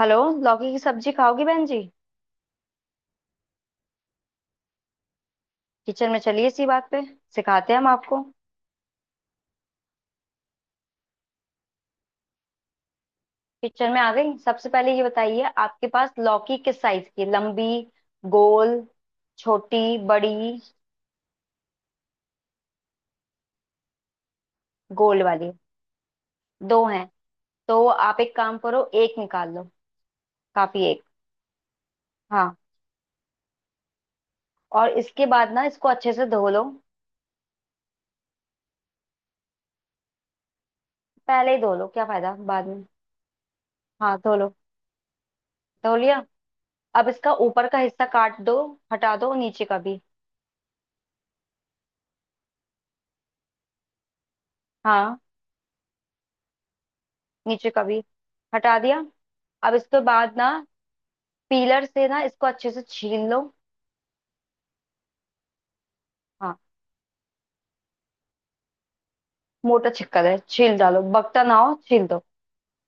Hello. लौकी की सब्जी खाओगी बहन जी? किचन में चलिए। इसी बात पे सिखाते हैं हम आपको। किचन में आ गई। सबसे पहले ये बताइए आपके पास लौकी किस साइज की है? लंबी, गोल, छोटी, बड़ी? गोल वाली। दो हैं। तो आप एक काम करो, एक निकाल लो। काफी एक। हाँ। और इसके बाद ना इसको अच्छे से धो लो। पहले ही धो लो, क्या फायदा बाद में। हाँ, धो लो। धो लिया। अब इसका ऊपर का हिस्सा काट दो। हटा दो नीचे का भी। हाँ। नीचे का भी हटा दिया। अब इसके बाद ना पीलर से ना इसको अच्छे से छील लो। हाँ। मोटा छिक्कर है, छील डालो, बकता ना हो छील दो।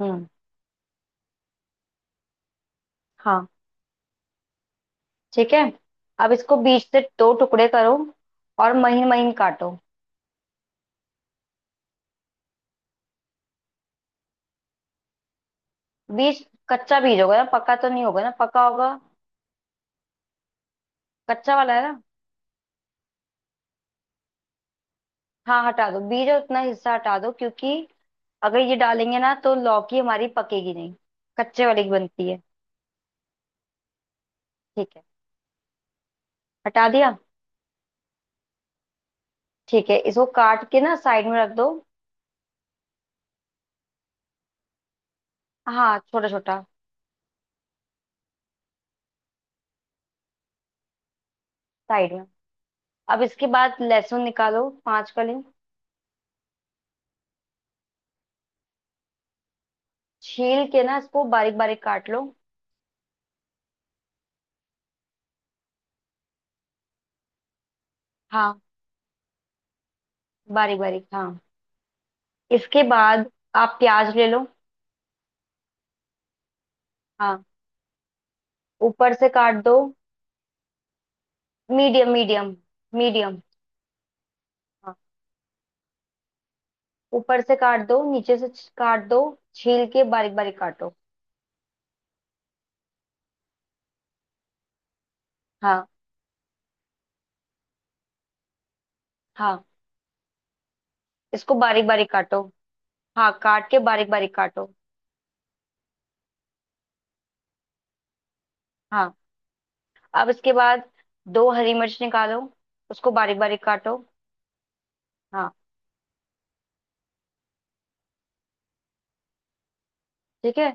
हम्म। हाँ। ठीक है। अब इसको बीच से दो टुकड़े करो और महीन महीन काटो। बीज? कच्चा बीज होगा ना, पका तो नहीं होगा ना, पका होगा? कच्चा वाला है ना। हाँ हटा दो बीज और उतना हिस्सा हटा दो, क्योंकि अगर ये डालेंगे ना तो लौकी हमारी पकेगी नहीं। कच्चे वाली की बनती है। ठीक है। हटा दिया। ठीक है इसको काट के ना साइड में रख दो। हाँ, छोटा छोटा। साइड में। अब इसके बाद लहसुन निकालो, 5 कली। छील के ना इसको बारीक बारीक काट लो। हाँ। बारीक बारीक, हाँ। इसके बाद आप प्याज ले लो। हाँ। ऊपर से काट दो। Medium medium. मीडियम। हाँ। ऊपर से काट दो, नीचे से काट दो। छील के बारीक बारीक काटो। हाँ। हाँ, इसको बारीक बारीक काटो। हाँ, काट के बारीक बारीक काटो। हाँ। अब इसके बाद दो हरी मिर्च निकालो, उसको बारीक बारीक काटो। हाँ। ठीक है।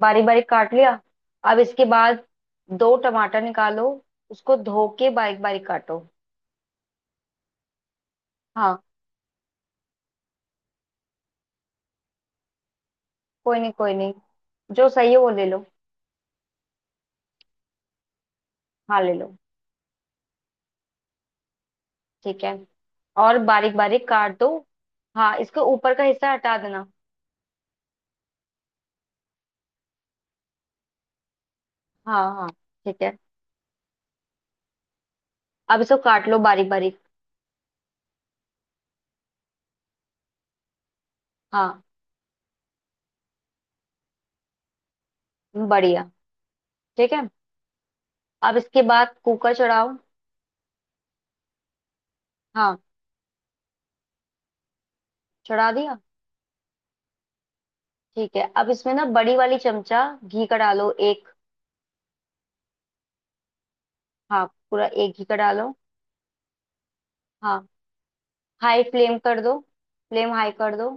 बारीक बारीक काट लिया। अब इसके बाद दो टमाटर निकालो, उसको धो के बारीक बारीक काटो। हाँ। कोई नहीं, कोई नहीं। जो सही है वो ले लो। हाँ, ले लो। ठीक है और बारीक बारीक काट दो। हाँ, इसको ऊपर का हिस्सा हटा देना। हाँ। हाँ। ठीक है। अब इसको काट लो बारीक बारीक। हाँ। बढ़िया। ठीक है। अब इसके बाद कुकर चढ़ाओ। हाँ। चढ़ा दिया। ठीक है अब इसमें ना बड़ी वाली चमचा घी का डालो एक। हाँ। पूरा एक घी का डालो। हाँ। हाई फ्लेम कर दो। फ्लेम हाई कर दो।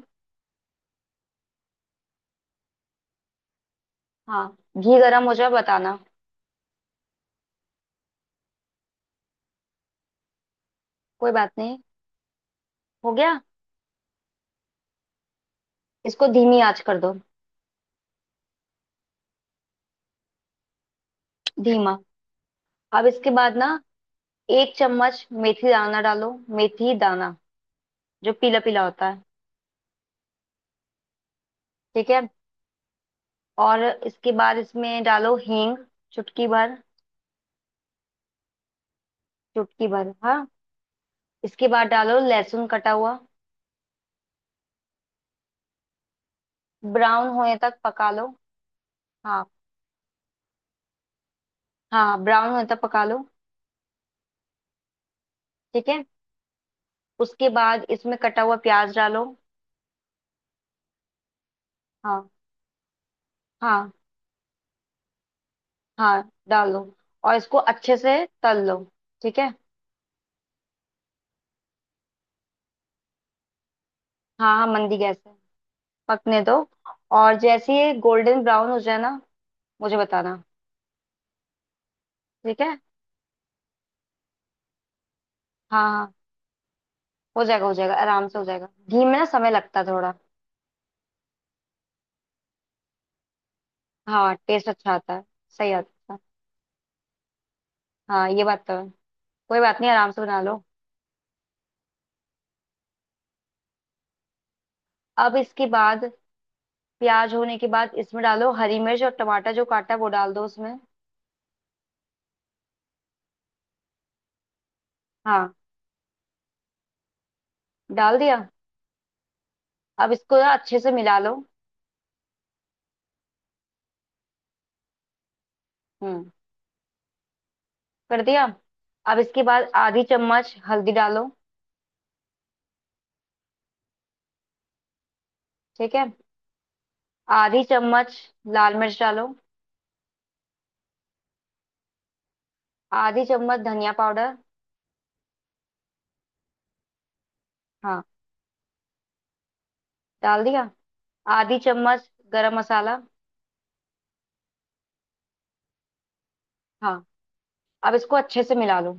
हाँ। घी गरम हो जाए बताना। कोई बात नहीं। हो गया। इसको धीमी आंच कर दो। धीमा। अब इसके बाद ना 1 चम्मच मेथी दाना डालो। मेथी दाना, जो पीला पीला होता है। ठीक है। और इसके बाद इसमें डालो हींग, चुटकी भर। चुटकी भर, हाँ। इसके बाद डालो लहसुन कटा हुआ। ब्राउन होने तक पका लो। हाँ। हाँ, ब्राउन होने तक पका लो। ठीक है। उसके बाद इसमें कटा हुआ प्याज डालो। हाँ। हाँ। हाँ डालो और इसको अच्छे से तल लो। ठीक है। हाँ हाँ, मंदी गैस है। पकने दो और जैसे ये गोल्डन ब्राउन हो जाए ना मुझे बताना। ठीक है। हाँ हाँ। हो जाएगा, हो जाएगा, आराम से हो जाएगा। घी में ना समय लगता है थोड़ा। हाँ, टेस्ट अच्छा आता है। सही आता है। हाँ, ये बात तो है। कोई बात नहीं, आराम से बना लो। अब इसके बाद प्याज होने के बाद इसमें डालो हरी मिर्च और टमाटर। जो काटा है वो डाल दो उसमें। हाँ। डाल दिया। अब इसको ना अच्छे से मिला लो। हम्म। कर दिया। अब इसके बाद आधी चम्मच हल्दी डालो। ठीक है। आधी चम्मच लाल मिर्च डालो। आधी चम्मच धनिया पाउडर। हाँ। डाल दिया। आधी चम्मच गरम मसाला। हाँ। अब इसको अच्छे से मिला लो।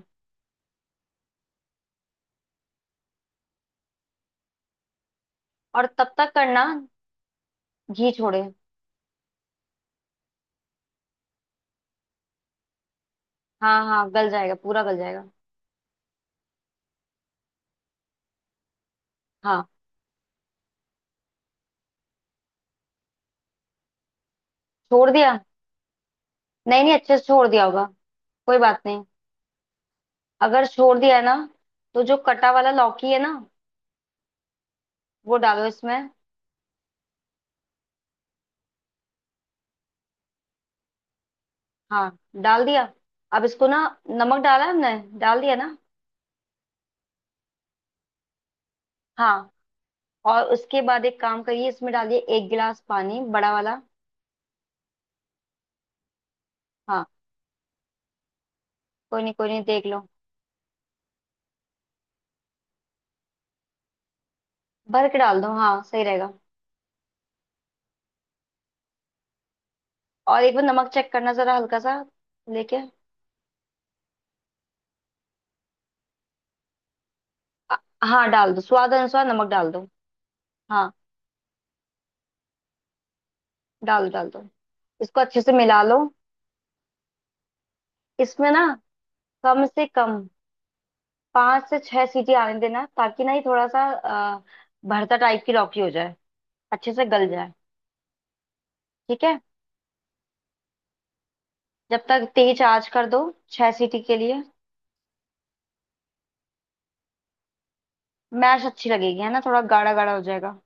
और तब तक करना घी छोड़े। हाँ हाँ, गल जाएगा, पूरा गल जाएगा। हाँ, छोड़ दिया। नहीं नहीं, अच्छे से छोड़ दिया होगा। कोई बात नहीं। अगर छोड़ दिया है ना, तो जो कटा वाला लौकी है ना, वो डालो इसमें। हाँ। डाल दिया। अब इसको ना, नमक डाला हमने, डाल दिया ना? हाँ। और उसके बाद एक काम करिए, इसमें डालिए 1 गिलास पानी, बड़ा वाला। हाँ। कोई नहीं, कोई नहीं, देख लो। भर के डाल दो, हाँ सही रहेगा। और एक बार नमक चेक करना, जरा हल्का सा लेके। अ- हाँ, डाल दो, स्वाद अनुसार नमक डाल दो। हाँ, डाल दो, डाल दो। इसको अच्छे से मिला लो। इसमें ना कम से कम पाँच से छह सीटी आने देना, ताकि ना ये थोड़ा सा भरता टाइप की लौकी हो जाए, अच्छे से गल जाए। ठीक है। जब तक तेज आंच कर दो, छह सीटी के लिए। मैश अच्छी लगेगी है ना, थोड़ा गाढ़ा गाढ़ा हो जाएगा।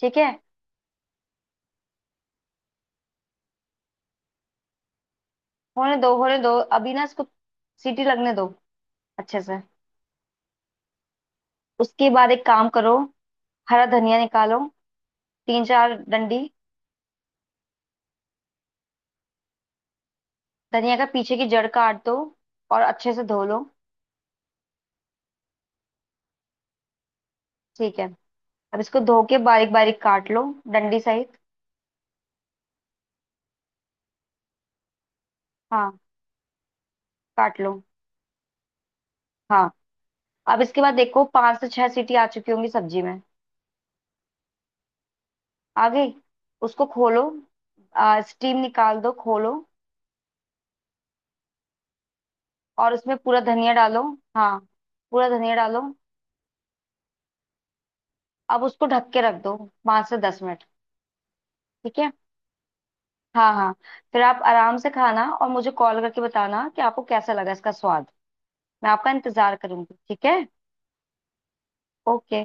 ठीक है। होने दो, होने दो। अभी ना इसको सीटी लगने दो अच्छे से। उसके बाद एक काम करो, हरा धनिया निकालो, तीन चार डंडी। धनिया का पीछे की जड़ काट दो और अच्छे से धो लो। ठीक है। अब इसको धो के बारीक बारीक काट लो, डंडी सहित। हाँ, काट लो। हाँ। अब इसके बाद देखो पांच से छह सीटी आ चुकी होंगी सब्जी में। आ गई। उसको खोलो। स्टीम निकाल दो, खोलो। और उसमें पूरा धनिया डालो। हाँ। पूरा धनिया डालो। अब उसको ढक के रख दो, 5 से 10 मिनट। ठीक है। हाँ हाँ। फिर आप आराम से खाना और मुझे कॉल करके बताना कि आपको कैसा लगा इसका स्वाद। मैं आपका इंतजार करूंगी। ठीक है। ओके।